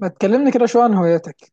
ما تكلمني كده شويه عن هواياتك.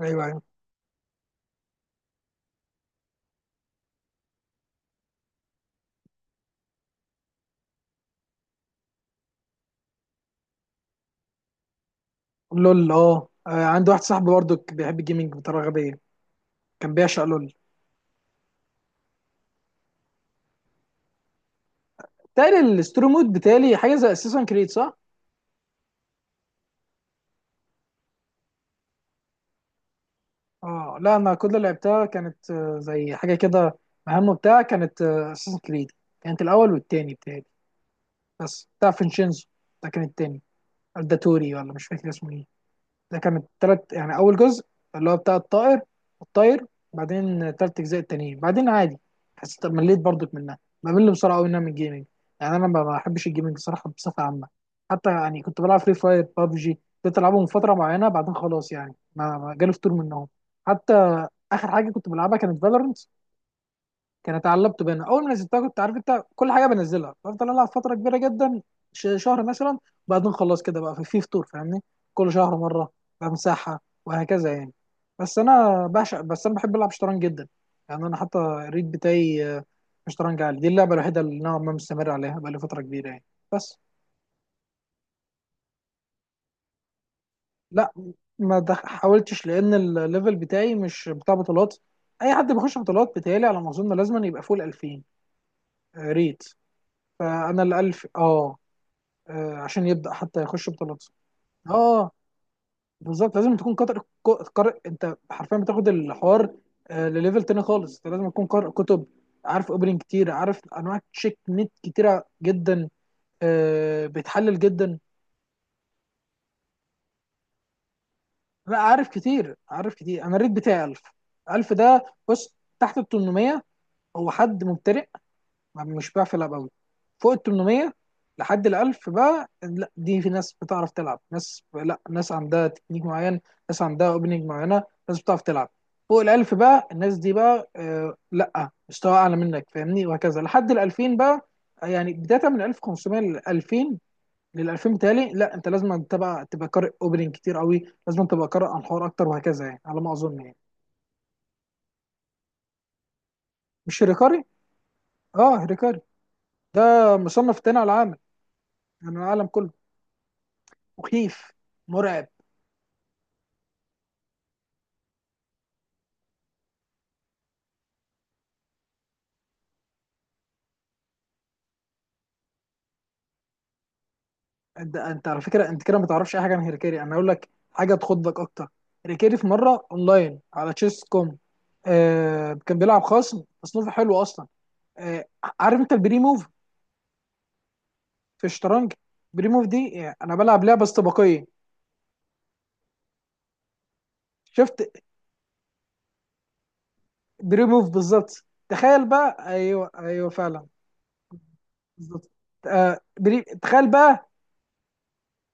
ايوه ايوه. لول. عندي واحد صاحبي برضه بيحب الجيمنج بطريقه غبيه، كان بيعشق لول. بتهيألي الستوري مود، بتهيألي حاجه زي اساسن كريد، صح؟ اه لا، انا كل اللي لعبتها كانت زي حاجه كده مهمه بتاع، كانت اساسن كريد. كانت الاول والتاني بتهيألي، بس بتاع فينشينزو ده كان التاني. الداتوري ولا مش فاكر اسمه ايه، ده كان التلات. يعني اول جزء اللي هو بتاع الطائر، الطاير. بعدين تلات اجزاء التانيين بعدين عادي. حسيت مليت برضك منها، بمل بسرعه قوي منها من الجيمنج. يعني انا ما بحبش الجيمنج صراحه بصفه عامه. حتى يعني كنت بلعب فري فاير، بابجي، كنت العبهم من فتره معينه، بعدين خلاص يعني ما جالي فتور منهم. حتى اخر حاجه كنت بلعبها كانت فالورنت، كانت على اللابتوب هنا اول ما نزلتها. كنت عارف انت كل حاجه بنزلها بفضل العب فتره كبيره جدا، شهر مثلا. وبعدين خلاص كده بقى في فطور، فاهمني. كل شهر مره بمسحها، وهكذا يعني. بس انا بعشق، بس انا بحب العب شطرنج جدا. يعني انا حتى الريت بتاعي شطرنج عالي. دي اللعبه الوحيده اللي نوعا ما مستمر عليها بقى لي فتره كبيره يعني. بس لا، ما دخ- حاولتش لان الليفل بتاعي مش بتاع بطولات. اي حد بيخش بطولات بتهيألي على ما اظن لازم يبقى فوق ال 2000، ريت. فانا ال 1000 اه، عشان يبدأ حتى يخش بطولات. اه بالظبط، لازم تكون قارئ. قارئ، انت حرفيا بتاخد الحوار لليفل تاني خالص. انت لازم تكون قارئ كتب، عارف اوبننج كتير، عارف انواع تشيك نت كتيره جدا، بتحلل جدا. لا عارف كتير، عارف كتير. انا الريت بتاعي 1000. ده بص، تحت ال 800 هو حد مبتدئ، مش بيعرف يلعب قوي. فوق ال 800 لحد ال 1000 بقى لا، دي في ناس بتعرف تلعب، ناس لا ناس عندها تكنيك معين، ناس عندها اوبننج معينه، ناس بتعرف تلعب. فوق ال 1000 بقى الناس دي بقى آه لا، مستوى اعلى منك، فاهمني، وهكذا لحد ال 2000 بقى. يعني بدايه من 1500 ل 2000، لل 2000 بتالي لا، انت لازم تبقى قارئ اوبننج كتير قوي، لازم تبقى قارئ عن الحوار اكتر، وهكذا يعني على ما اظن يعني. مش هيريكاري. اه هيريكاري، ده مصنف تاني على العالم، يعني على العالم كله. مخيف، مرعب. انت على فكره انت كده ما تعرفش اي حاجه عن هيركيري، انا اقول لك حاجه تخضك اكتر. هيركيري في مره اونلاين على تشيس كوم، آه كان بيلعب خصم تصنيفه حلو اصلا. آه، عارف انت البري موف في الشطرنج؟ بري موف دي يعني انا بلعب لعبه استباقيه. شفت، بري موف بالظبط. تخيل بقى، ايوه ايوه فعلا، بالظبط. تخيل بقى.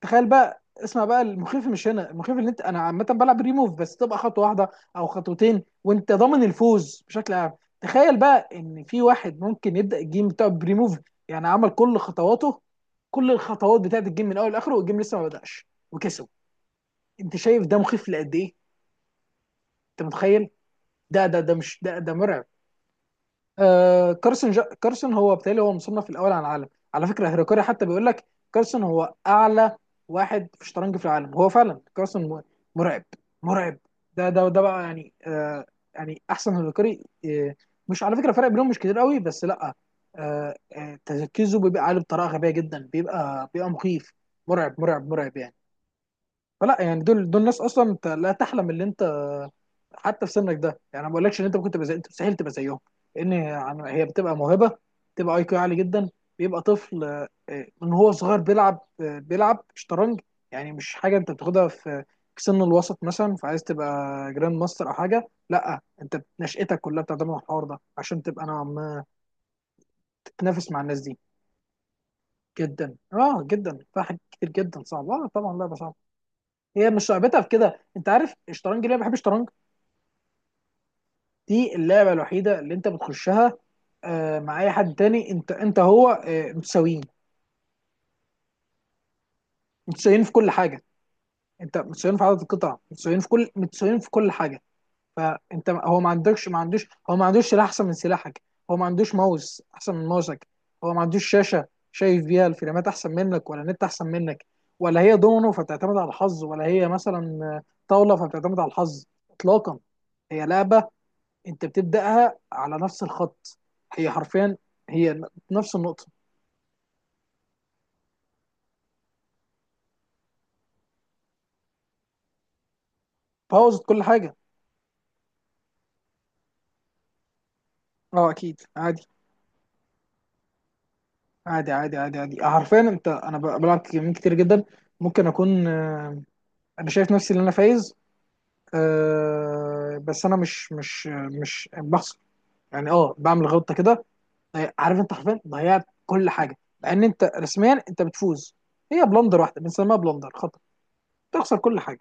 تخيل بقى، اسمع بقى، المخيف مش هنا. المخيف اللي انت، انا عامه بلعب ريموف بس تبقى خطوه واحده او خطوتين وانت ضامن الفوز بشكل عام. تخيل بقى ان في واحد ممكن يبدا الجيم بتاعه بريموف، يعني عمل كل خطواته، كل الخطوات بتاعت الجيم من اول لاخره والجيم لسه ما بداش وكسب. انت شايف ده مخيف لقد ايه؟ انت متخيل. ده ده ده مش ده ده مرعب. آه كارسون هو بالتالي هو مصنف الاول على العالم. على فكره هيركاري حتى بيقول لك كارسون هو اعلى واحد في الشطرنج في العالم، هو فعلا كارسون مرعب، مرعب. ده بقى يعني آه، يعني احسن هيركاري آه. مش على فكره فرق بينهم مش كتير قوي بس لا. آه تركيزه بيبقى عالي بطريقه غبيه جدا، بيبقى مخيف، مرعب مرعب مرعب يعني. فلا يعني دول ناس اصلا انت لا تحلم ان انت حتى في سنك ده يعني. ما بقولكش ان انت ممكن تبقى زي، انت مستحيل تبقى زيهم، لان يعني هي بتبقى موهبه، بتبقى اي كيو عالي جدا. بيبقى طفل من هو صغير بيلعب، بيلعب شطرنج. يعني مش حاجه انت بتاخدها في سن الوسط مثلا، فعايز تبقى جراند ماستر او حاجه، لا انت نشأتك كلها بتعتمد على الحوار ده عشان تبقى نوعا ما تتنافس مع الناس دي. جدا اه جدا، فيها حاجات كتير جدا صعبه، اه طبعا لعبه صعبه. هي مش صعوبتها في كده، انت عارف الشطرنج ليه أنا بحب الشطرنج؟ دي اللعبه الوحيده اللي انت بتخشها مع اي حد تاني. انت هو متساويين، متساويين في كل حاجه. انت متساويين في عدد القطع، متساويين في كل، متساويين في كل حاجه. فانت هو ما عندوش، هو ما عندوش سلاح احسن من سلاحك، هو ما عندوش ماوس احسن من ماوسك، هو ما عندوش شاشه شايف بيها الفريمات احسن منك، ولا نت احسن منك، ولا هي دومينو فبتعتمد على الحظ، ولا هي مثلا طاوله فبتعتمد على الحظ، اطلاقا. هي لعبه انت بتبداها على نفس الخط، هي حرفيا، هي نفس النقطه، بوظت كل حاجه. اه اكيد. عادي عادي حرفيا انت، انا بلعب جيمين كتير جدا، ممكن اكون انا شايف نفسي ان انا فايز بس انا مش مش بخسر، يعني اه بعمل غلطه كده. عارف انت حرفيا ضيعت كل حاجه، لان انت رسميا انت بتفوز. هي بلندر واحده، بنسميها بلندر خطا، تخسر كل حاجه.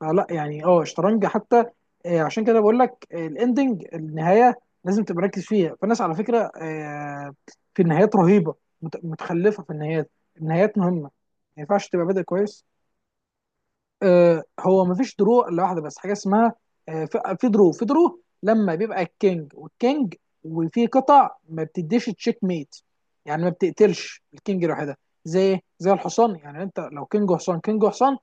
فلا يعني اه الشطرنج حتى عشان كده بقول لك الاندنج، النهايه لازم تبقى مركز فيها. فالناس على فكره في النهايات رهيبه، متخلفه في النهايات. النهايات مهمه، ما ينفعش تبقى بادئ كويس. هو ما فيش درو الا واحده بس حاجه اسمها، في درو، في درو لما بيبقى الكينج والكينج وفي قطع ما بتديش تشيك ميت، يعني ما بتقتلش الكينج لوحدها. زي الحصان، يعني انت لو كينج وحصان، كينج وحصان،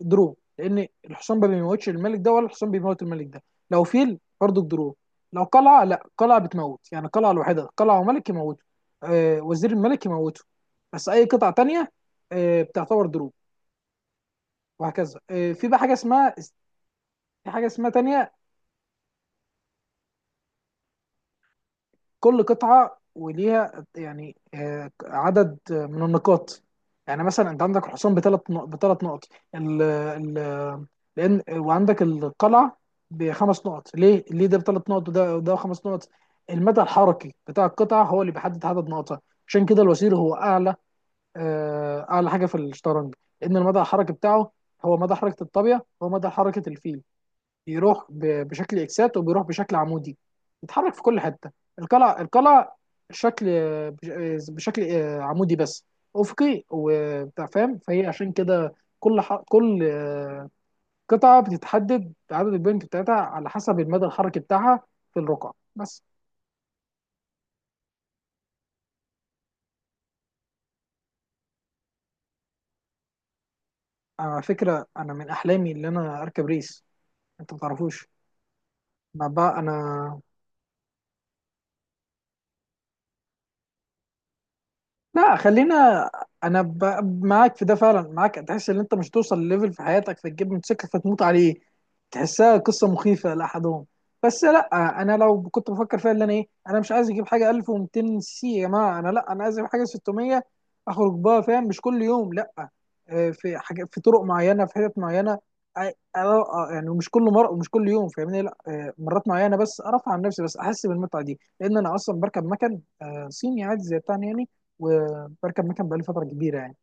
درو، لان الحصان ما بيموتش الملك ده، ولا الحصان بيموت الملك ده. لو فيل برضو درو. لو قلعه، لا قلعه بتموت، يعني قلعه الوحيده، قلعه وملك يموته، آه وزير الملك يموته، بس اي قطعه تانية آه بتعتبر درو. وهكذا آه، في بقى حاجه اسمها، في حاجه اسمها تانية. كل قطعة وليها يعني عدد من النقاط. يعني مثلا انت عندك الحصان بثلاث نقط، ال ال لان وعندك القلعة بخمس نقط. ليه؟ ليه ده بثلاث نقط وده خمس نقط؟ المدى الحركي بتاع القطعة هو اللي بيحدد عدد نقطها. عشان كده الوزير هو اعلى، اعلى حاجة في الشطرنج، لان المدى الحركي بتاعه هو مدى حركة الطابية، هو مدى حركة الفيل. بيروح بشكل اكسات، وبيروح بشكل عمودي، بيتحرك في كل حته. القلع القلع شكل بشكل عمودي بس، افقي وبتاع، فاهم؟ فهي عشان كده كل ح... كل آه، قطعه بتتحدد عدد البوينت بتاعتها على حسب المدى الحركي بتاعها في الرقعه بس. على فكره انا من احلامي ان انا اركب ريس، انت ما تعرفوش. انا لا خلينا، انا ب... معاك في ده فعلا، معاك، تحس ان انت مش توصل لليفل في حياتك فتجيب موتوسيكل فتموت عليه، تحسها قصه مخيفه لاحدهم. بس لا، انا لو كنت بفكر فيها اللي انا ايه، انا مش عايز اجيب حاجه 1200 سي سي يا جماعه، انا لا انا عايز اجيب حاجه 600، اخرج بها، فاهم، مش كل يوم لا. في حاجه، في طرق معينه، في حتت معينه، آه، يعني مش كل مره ومش كل يوم، فاهمني لا. مرات معينه بس ارفع عن نفسي، بس احس بالمتعه دي، لان انا اصلا بركب مكن صيني عادي زي بتاعنا يعني، بركب مكان بقالي فتره كبيره يعني.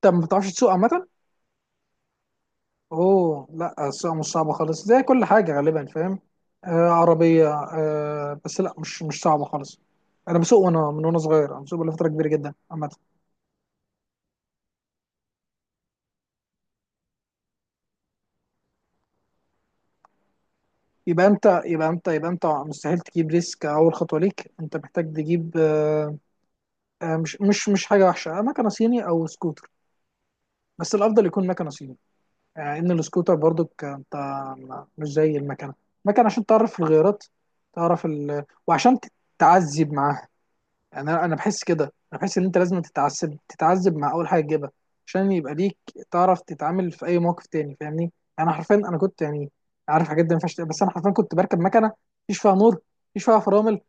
طب ما بتعرفش تسوق عامه؟ اوه لا، السواقه مش صعبه خالص، زي كل حاجه غالبا، فاهم؟ آه عربيه آه، بس لا مش صعبه خالص. انا بسوق وانا، من وانا صغير انا بسوق بقالي فتره كبيره جدا عامه. يبقى انت مستحيل تجيب ريسك، اول خطوه ليك انت محتاج تجيب آه، آه مش حاجه وحشه، مكنه صيني او سكوتر، بس الافضل يكون مكنه صيني. ان السكوتر برضو انت مش زي المكنه، المكنه عشان تعرف الغيارات، تعرف وعشان تتعذب معاها. يعني انا بحس كده، انا بحس ان انت لازم تتعذب مع اول حاجه تجيبها عشان يبقى ليك، تعرف تتعامل في اي موقف تاني، فاهمني يعني. انا حرفيا كنت يعني، عارف حاجات دي ما ينفعش تقول، بس انا حرفيا كنت بركب مكنه مفيش فيها نور، مفيش فيها فرامل،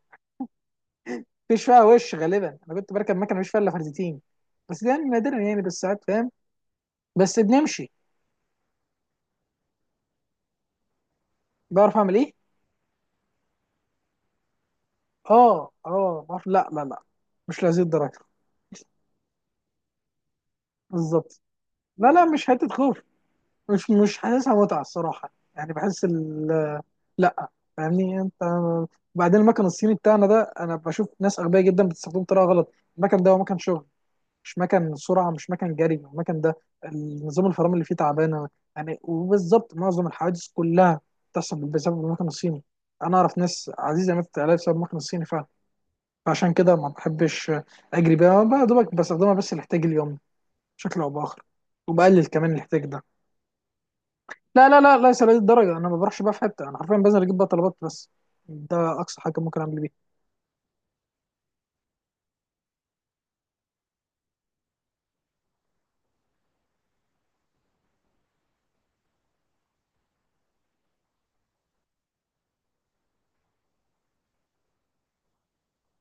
مفيش فيها وش غالبا. انا كنت بركب مكنه مفيش فيها الا فردتين، بس ده يعني نادرا يعني، بس ساعات، فاهم؟ بس بنمشي. بعرف اعمل ايه؟ لا، مش لهذه الدرجه. بالظبط، لا لا، مش حته خوف، مش حاسسها متعه الصراحه، يعني بحس ال لا فاهمني انت. بعدين المكن الصيني بتاعنا ده، انا بشوف ناس اغبياء جدا بتستخدمه بطريقه غلط. المكن ده هو مكن شغل، مش مكن سرعه، مش مكن جري. المكن ده النظام الفرامل اللي فيه تعبانه، يعني وبالظبط معظم الحوادث كلها بتحصل بسبب المكن الصيني. انا اعرف ناس عزيزه ماتت عليها بسبب المكن الصيني فعلا. فعشان كده ما بحبش اجري بيها بقى، يا دوبك بستخدمها بس لاحتياج اليوم بشكل او باخر، وبقلل كمان الاحتياج ده. لا، ليس لهذه الدرجه، انا ما بروحش بقى في حته، انا حرفيا بنزل اجيب بقى طلبات بس، ده اقصى حاجه ممكن اعمل بيها.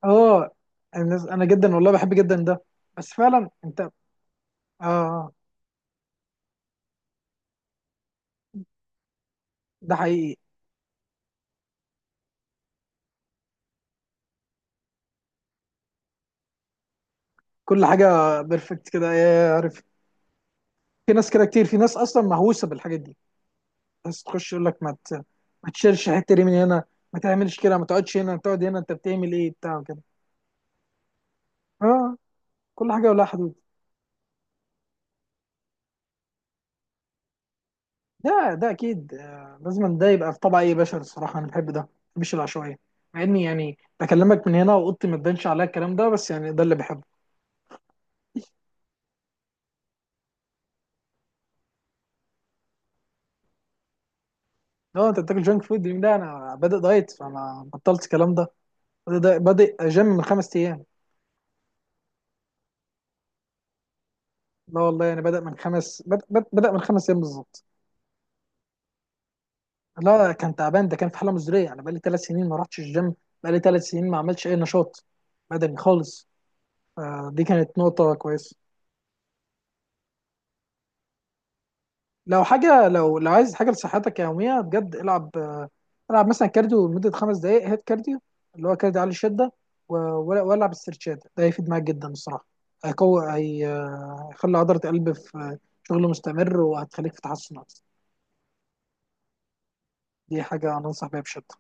اه. انا جدا والله بحب جدا ده، بس فعلا انت، اه ده حقيقي. كل حاجه بيرفكت كده، يا عارف، في ناس كده كتير، في ناس اصلا مهووسه بالحاجات دي، بس تخش يقول لك ما تشيلش حته دي من هنا، ما تعملش كده، ما تقعدش هنا، تقعد هنا، انت بتعمل ايه بتاع كده؟ اه، كل حاجه ولها حدود. ده اكيد لازم ده يبقى في طبع اي بشر. الصراحه انا بحب ده، ما بحبش العشوائيه، مع اني يعني بكلمك من هنا واوضتي ما تبانش عليا الكلام ده، بس يعني ده اللي بحبه. لو انت بتاكل جانك فود ده، انا بادئ دايت فانا بطلت الكلام ده. بادئ جيم من 5 ايام. لا والله، يعني بدأ من 5 ايام بالظبط. لا كان تعبان، ده كان في حاله مزريه. انا بقالي 3 سنين ما رحتش الجيم، بقالي 3 سنين ما عملتش اي نشاط بدني خالص. دي كانت نقطه كويسه. لو حاجه، لو عايز حاجه لصحتك يوميه بجد، العب العب مثلا كارديو لمده 5 دقائق، هيت كارديو اللي هو كارديو عالي الشده، والعب استرتشات، ده هيفيد معاك جدا الصراحه. هيقوي هيخلي عضله القلب في شغل مستمر، وهتخليك في تحسن أكتر. دي حاجه انا انصح بيها بشده.